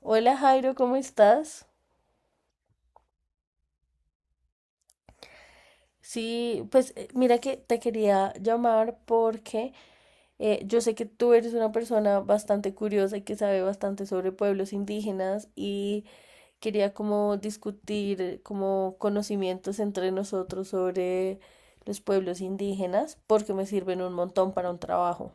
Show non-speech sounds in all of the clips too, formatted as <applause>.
Hola Jairo, ¿cómo estás? Sí, pues mira que te quería llamar porque yo sé que tú eres una persona bastante curiosa y que sabe bastante sobre pueblos indígenas y quería como discutir como conocimientos entre nosotros sobre los pueblos indígenas porque me sirven un montón para un trabajo.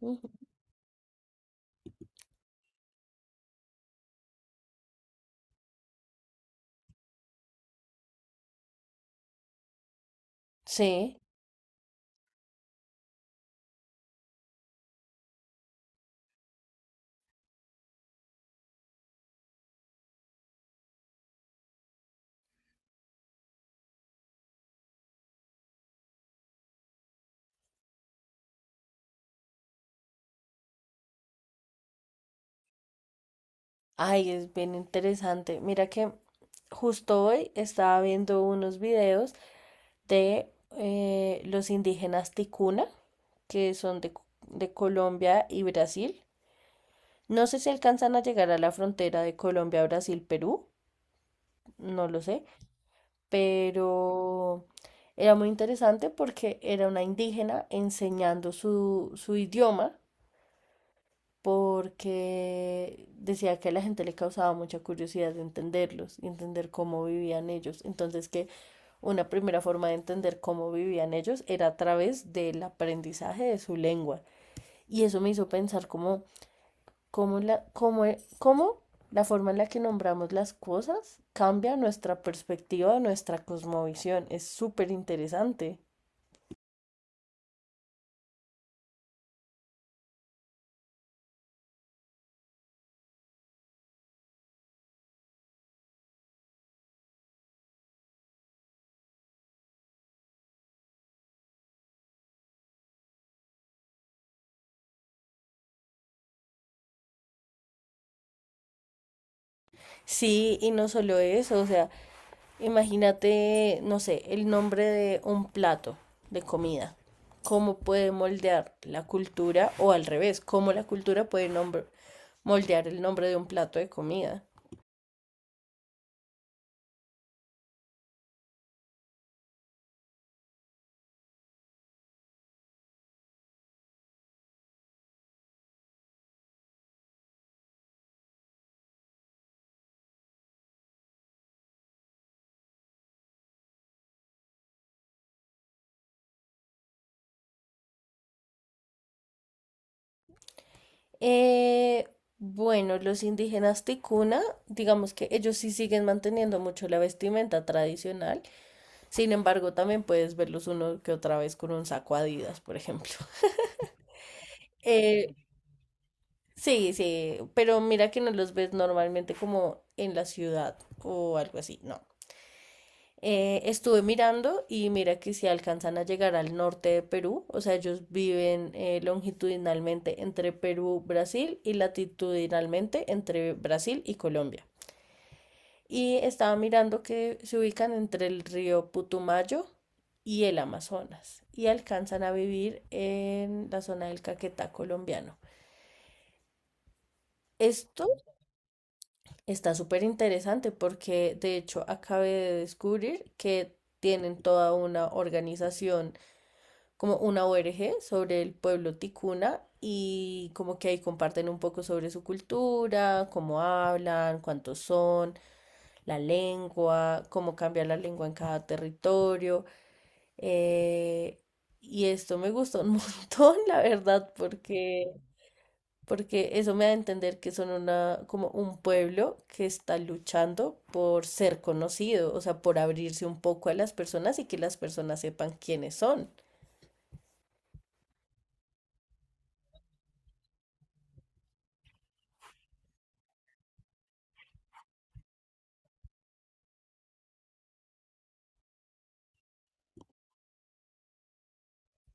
Ujú. Sí, ay, es bien interesante. Mira que justo hoy estaba viendo unos videos de los indígenas Ticuna, que son de Colombia y Brasil. No sé si alcanzan a llegar a la frontera de Colombia, Brasil, Perú, no lo sé, pero era muy interesante porque era una indígena enseñando su idioma porque decía que a la gente le causaba mucha curiosidad de entenderlos y entender cómo vivían ellos. Entonces que una primera forma de entender cómo vivían ellos era a través del aprendizaje de su lengua. Y eso me hizo pensar cómo, la, cómo, cómo la forma en la que nombramos las cosas cambia nuestra perspectiva, nuestra cosmovisión. Es súper interesante. Sí, y no solo eso, o sea, imagínate, no sé, el nombre de un plato de comida, cómo puede moldear la cultura, o al revés, cómo la cultura puede moldear el nombre de un plato de comida. Eh, bueno, los indígenas ticuna, digamos que ellos sí siguen manteniendo mucho la vestimenta tradicional, sin embargo, también puedes verlos uno que otra vez con un saco Adidas, por ejemplo. <laughs> Eh, sí, sí, pero mira que no los ves normalmente como en la ciudad o algo así, no. Estuve mirando y mira que si alcanzan a llegar al norte de Perú, o sea, ellos viven longitudinalmente entre Perú, Brasil y latitudinalmente entre Brasil y Colombia. Y estaba mirando que se ubican entre el río Putumayo y el Amazonas y alcanzan a vivir en la zona del Caquetá colombiano. Esto está súper interesante porque de hecho acabé de descubrir que tienen toda una organización, como una ONG sobre el pueblo ticuna y como que ahí comparten un poco sobre su cultura, cómo hablan, cuántos son, la lengua, cómo cambia la lengua en cada territorio. eh, y esto me gustó un <laughs> montón, la verdad, porque porque eso me da a entender que son una, como un pueblo que está luchando por ser conocido, o sea, por abrirse un poco a las personas y que las personas sepan quiénes son.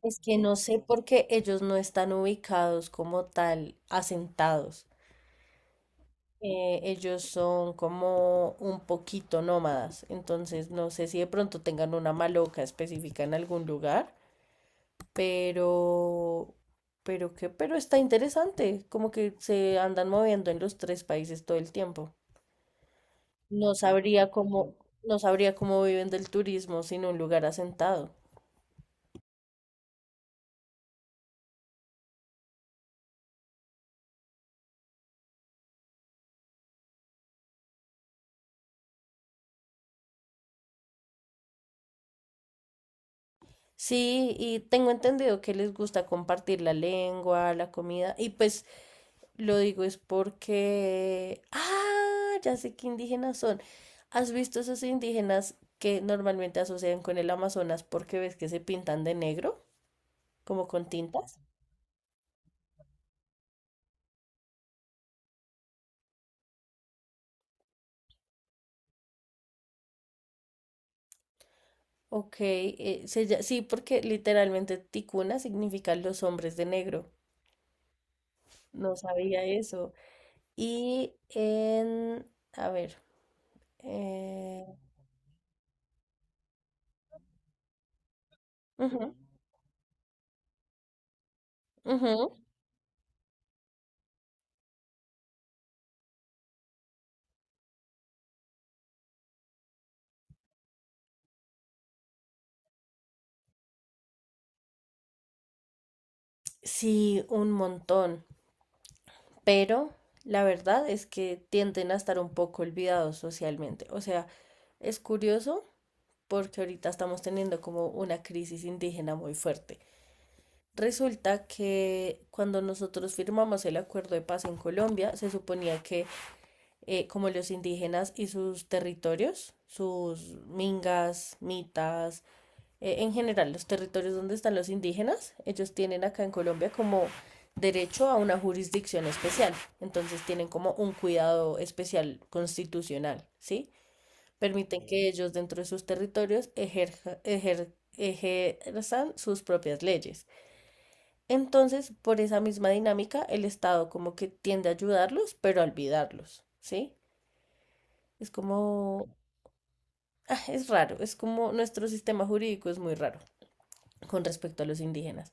Es que no sé por qué ellos no están ubicados como tal, asentados. Ellos son como un poquito nómadas, entonces no sé si de pronto tengan una maloca específica en algún lugar. Pero, pero está interesante, como que se andan moviendo en los tres países todo el tiempo. No sabría cómo, no sabría cómo viven del turismo sin un lugar asentado. Sí, y tengo entendido que les gusta compartir la lengua, la comida, y pues lo digo es porque, ah, ya sé qué indígenas son. ¿Has visto esos indígenas que normalmente asocian con el Amazonas porque ves que se pintan de negro, como con tintas? Ok, sí, porque literalmente ticuna significa los hombres de negro. No sabía eso. Y en, a ver, eh, ujú, ujú, sí, un montón, pero la verdad es que tienden a estar un poco olvidados socialmente. O sea, es curioso porque ahorita estamos teniendo como una crisis indígena muy fuerte. Resulta que cuando nosotros firmamos el acuerdo de paz en Colombia, se suponía que como los indígenas y sus territorios, sus mingas, mitas, en general los territorios donde están los indígenas, ellos tienen acá en Colombia como derecho a una jurisdicción especial, entonces tienen como un cuidado especial constitucional, ¿sí? Permiten que ellos dentro de sus territorios ejerzan sus propias leyes. Entonces, por esa misma dinámica, el Estado como que tiende a ayudarlos, pero a olvidarlos, ¿sí? Es como, ah, es raro, es como nuestro sistema jurídico es muy raro con respecto a los indígenas.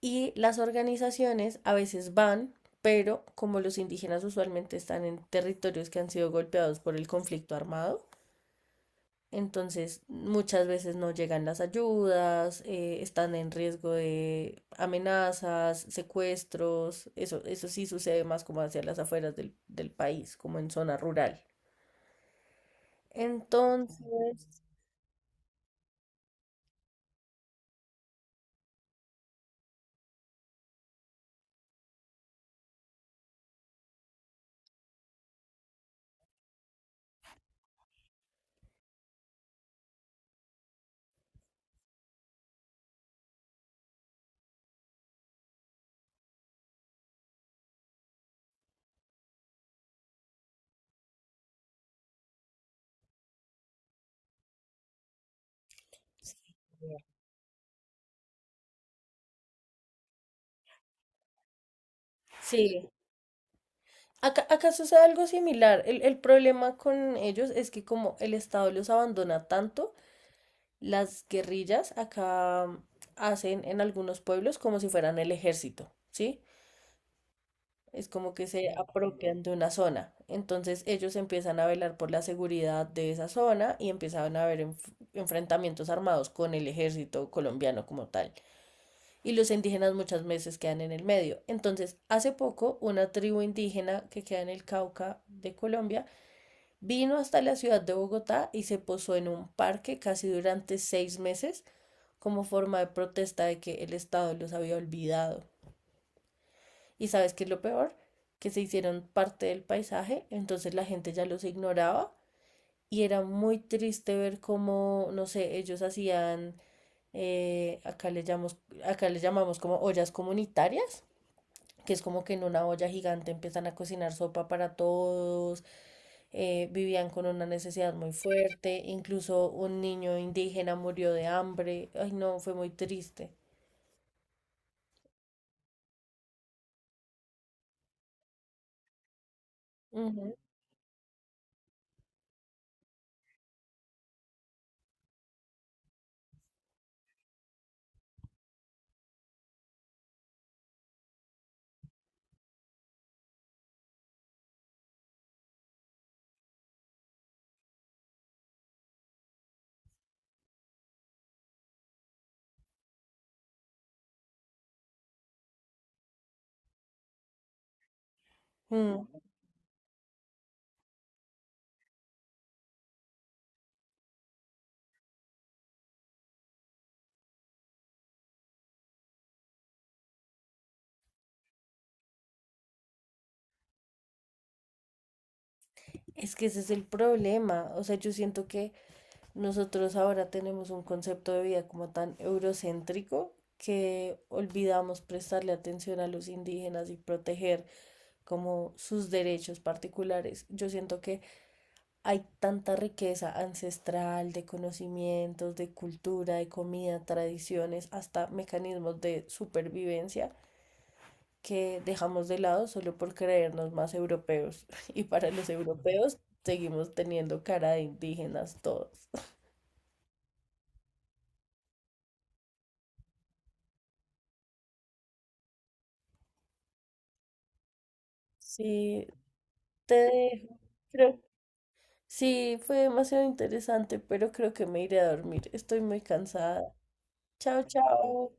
Y las organizaciones a veces van, pero como los indígenas usualmente están en territorios que han sido golpeados por el conflicto armado, entonces muchas veces no llegan las ayudas, están en riesgo de amenazas, secuestros, eso sí sucede más como hacia las afueras del país, como en zona rural. Entonces, sí, acá, acá sucede algo similar. El problema con ellos es que como el Estado los abandona tanto, las guerrillas acá hacen en algunos pueblos como si fueran el ejército, ¿sí? Es como que se apropian de una zona. Entonces ellos empiezan a velar por la seguridad de esa zona y empiezan a haber enfrentamientos armados con el ejército colombiano como tal. Y los indígenas muchas veces quedan en el medio. Entonces, hace poco, una tribu indígena que queda en el Cauca de Colombia, vino hasta la ciudad de Bogotá y se posó en un parque casi durante 6 meses como forma de protesta de que el Estado los había olvidado. ¿Y sabes qué es lo peor? Que se hicieron parte del paisaje, entonces la gente ya los ignoraba y era muy triste ver cómo, no sé, ellos hacían, eh, acá, le llamamos, acá le llamamos como ollas comunitarias, que es como que en una olla gigante empiezan a cocinar sopa para todos, vivían con una necesidad muy fuerte, incluso un niño indígena murió de hambre, ay no, fue muy triste. Ujú. Mm, es que ese es el problema, o sea, yo siento que nosotros ahora tenemos un concepto de vida como tan eurocéntrico que olvidamos prestarle atención a los indígenas y proteger como sus derechos particulares. Yo siento que hay tanta riqueza ancestral de conocimientos, de cultura, de comida, tradiciones, hasta mecanismos de supervivencia que dejamos de lado solo por creernos más europeos. <laughs> Y para los europeos seguimos teniendo cara de indígenas todos. Sí, te dejo. Creo- sí, fue demasiado interesante, pero creo que me iré a dormir. Estoy muy cansada. Chao, chao.